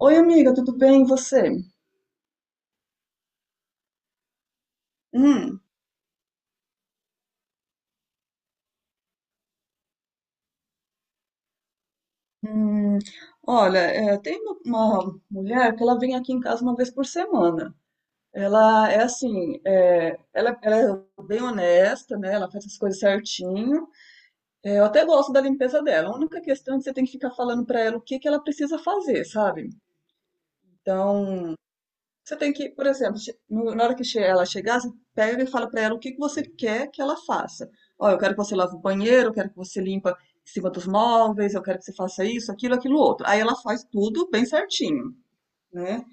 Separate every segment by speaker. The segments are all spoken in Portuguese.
Speaker 1: Oi, amiga, tudo bem? E você? Hum, hum, olha, tem uma mulher que ela vem aqui em casa uma vez por semana. Ela é assim, ela é bem honesta, né? Ela faz as coisas certinho. É, eu até gosto da limpeza dela. A única questão é que você tem que ficar falando pra ela o que que ela precisa fazer, sabe? Então, você tem que, por exemplo, na hora que ela chegar, você pega e fala para ela o que que você quer que ela faça. Ó, eu quero que você lave o banheiro, eu quero que você limpa em cima dos móveis, eu quero que você faça isso, aquilo, aquilo outro. Aí ela faz tudo bem certinho, né?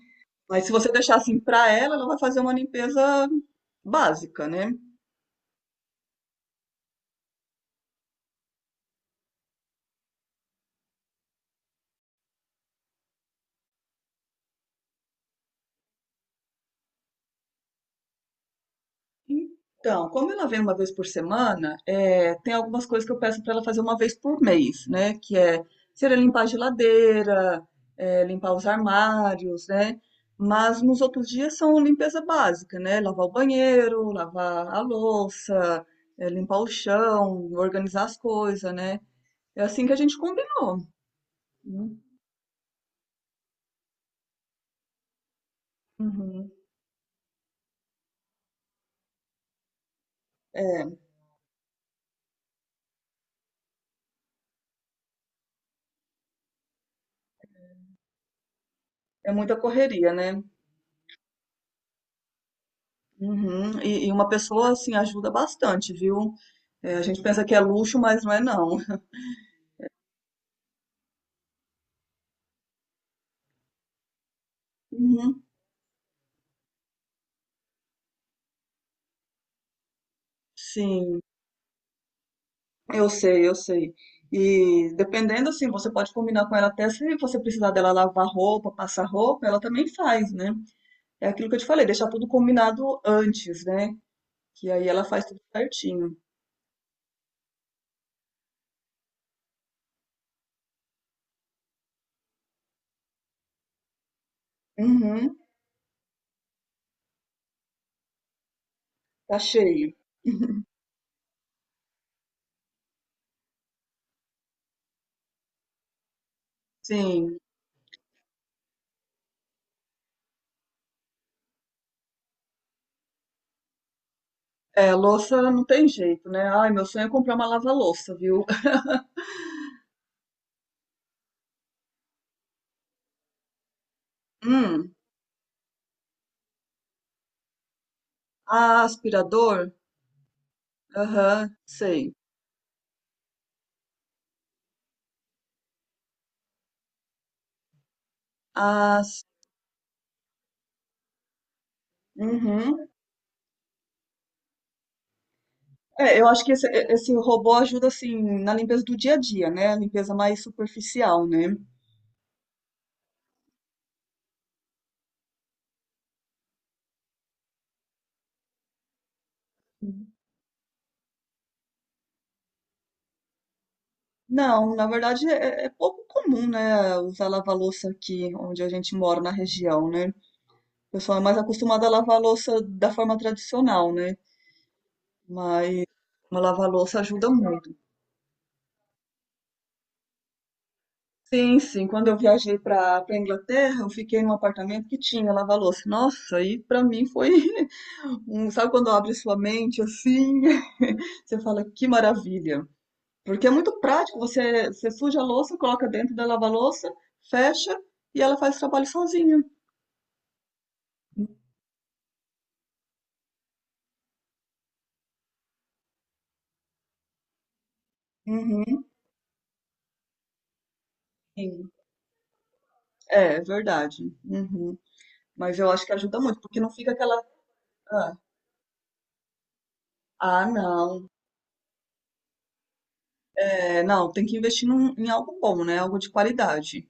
Speaker 1: Mas se você deixar assim para ela, ela vai fazer uma limpeza básica, né? Então, como ela vem uma vez por semana, tem algumas coisas que eu peço para ela fazer uma vez por mês, né? Que é ser limpar a geladeira, limpar os armários, né? Mas nos outros dias são limpeza básica, né? Lavar o banheiro, lavar a louça, limpar o chão, organizar as coisas, né? É assim que a gente combinou. Né? Uhum. É, é muita correria, né? Uhum, e uma pessoa assim ajuda bastante, viu? É, a gente pensa que é luxo, mas não é não. Uhum, sim, eu sei, eu sei. E dependendo assim, você pode combinar com ela até se você precisar dela lavar roupa, passar roupa, ela também faz, né? É aquilo que eu te falei, deixar tudo combinado antes, né? Que aí ela faz tudo certinho. Uhum, tá cheio. Sim. É, louça não tem jeito, né? Ai, meu sonho é comprar uma lava-louça, viu? Hum, ah, aspirador? Aham, sei. Ah, uhum. É, eu acho que esse robô ajuda assim na limpeza do dia a dia, né? A limpeza mais superficial, né? Não, na verdade é pouco comum, né? Usar lava-louça aqui onde a gente mora na região, né? O pessoal é mais acostumado a lavar a louça da forma tradicional, né? Mas uma lava-louça ajuda muito. Sim, sim. Quando eu viajei para Inglaterra, eu fiquei num apartamento que tinha lava-louça. Nossa, aí para mim foi um, sabe quando abre sua mente assim? Você fala, que maravilha. Porque é muito prático, você, você suja a louça, coloca dentro da lava-louça, fecha e ela faz o trabalho sozinha. Uhum, sim. É verdade. Uhum. Mas eu acho que ajuda muito, porque não fica aquela. Ah, ah, não. É, não, tem que investir em algo bom, né? Algo de qualidade.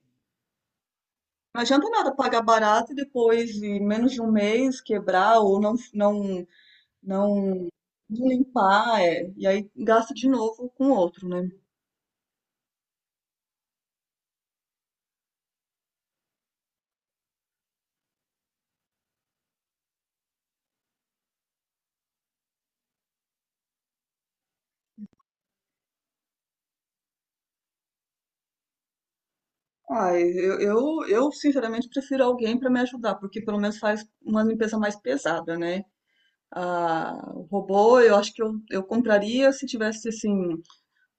Speaker 1: Não adianta nada pagar barato e depois, em menos de um mês, quebrar ou não, não, não, não limpar, é, e aí gasta de novo com outro, né? Ah, eu sinceramente prefiro alguém para me ajudar, porque pelo menos faz uma limpeza mais pesada, né? Ah, o robô, eu acho que eu compraria se tivesse assim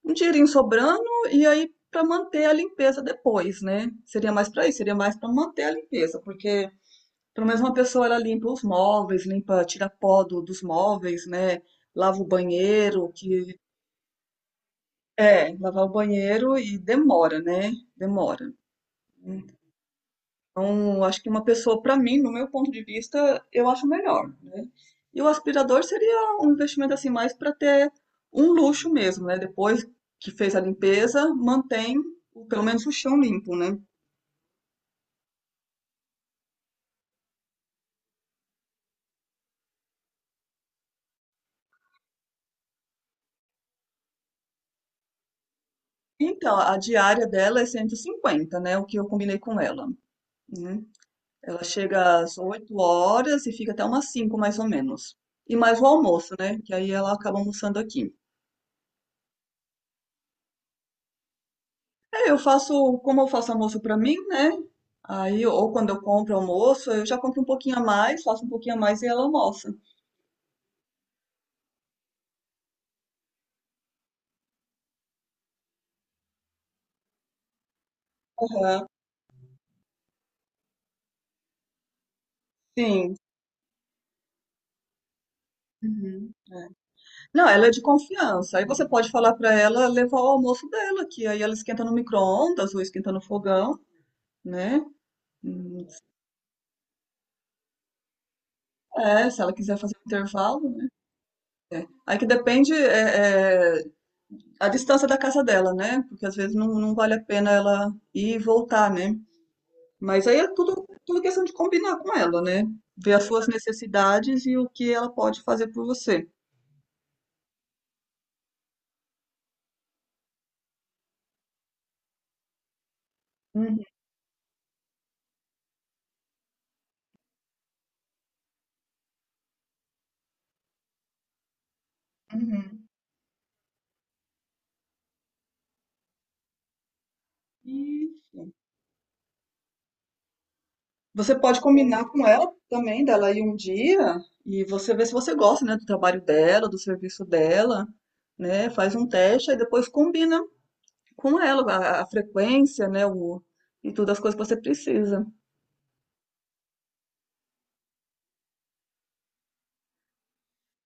Speaker 1: um dinheirinho sobrando e aí para manter a limpeza depois, né? Seria mais para isso, seria mais para manter a limpeza, porque pelo menos uma pessoa ela limpa os móveis, limpa, tira pó do- dos móveis, né? Lava o banheiro, lavar o banheiro e demora, né? Demora. Então, acho que uma pessoa, para mim, no meu ponto de vista, eu acho melhor, né? E o aspirador seria um investimento assim mais para ter um luxo mesmo, né? Depois que fez a limpeza, mantém o- pelo menos o chão limpo, né? Então, a diária dela é 150, né? O que eu combinei com ela, né? Ela chega às 8 horas e fica até umas 5, mais ou menos. E mais o almoço, né? Que aí ela acaba almoçando aqui. É, eu faço, como eu faço almoço para mim, né? Aí, ou quando eu compro almoço, eu já compro um pouquinho a mais, faço um pouquinho a mais e ela almoça. Aham, sim. Uhum, é. Não, ela é de confiança. Aí você pode falar para ela levar o almoço dela, que aí ela esquenta no micro-ondas ou esquenta no fogão, né? Hum, é, se ela quiser fazer um intervalo, né? É. Aí que depende a distância da casa dela, né? Porque às vezes não, não vale a pena ela ir e voltar, né? Mas aí é tudo, tudo questão de combinar com ela, né? Ver as suas necessidades e o que ela pode fazer por você. Uhum, uhum. E você pode combinar com ela também, dela ir um dia e você ver se você gosta, né, do trabalho dela, do serviço dela, né? Faz um teste e depois combina com ela a frequência, né, o, e todas as coisas que você precisa.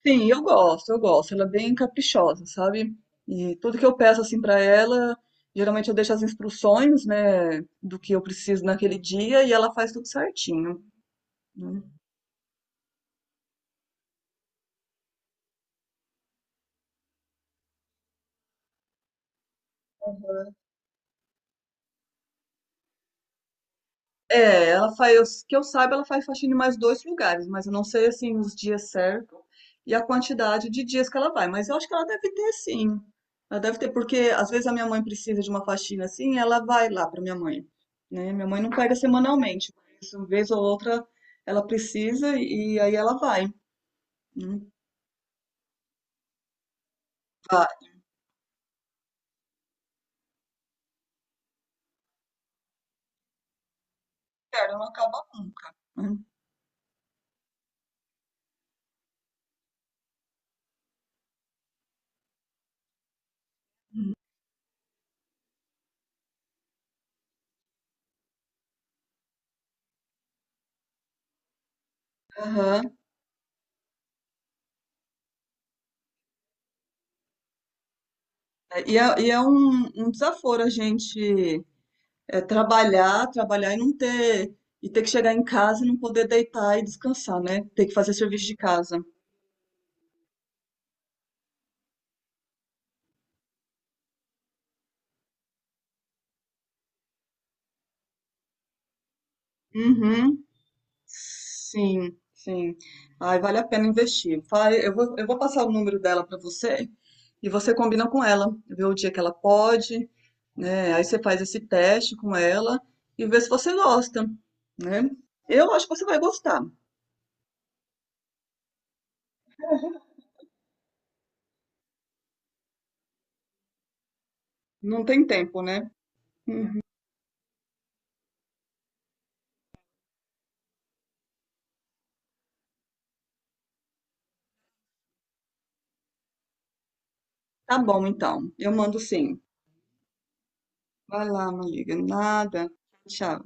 Speaker 1: Sim, eu gosto, eu gosto. Ela é bem caprichosa, sabe? E tudo que eu peço assim pra ela, geralmente eu deixo as instruções, né, do que eu preciso naquele dia e ela faz tudo certinho. É, ela faz, que eu saiba, ela faz faxina em mais dois lugares, mas eu não sei assim os dias certos e a quantidade de dias que ela vai, mas eu acho que ela deve ter sim. Ela deve ter, porque às vezes a minha mãe precisa de uma faxina assim, ela vai lá para minha mãe, né? Minha mãe não pega semanalmente, mas uma vez ou outra ela precisa e aí ela vai. Né? Vai, cara, não acaba nunca. Né? Aham. E é um, um desaforo a gente é trabalhar, trabalhar e não ter, e ter que chegar em casa e não poder deitar e descansar, né? Ter que fazer serviço de casa. Uhum. Sim, sim. Ai, vale a pena investir. Vai, eu vou passar o número dela para você e você combina com ela, vê o dia que ela pode, né? Aí você faz esse teste com ela e vê se você gosta, né? Eu acho que você vai gostar. Não tem tempo, né? Tá bom, então. Eu mando sim. Vai lá, amiga. Nada. Tchau.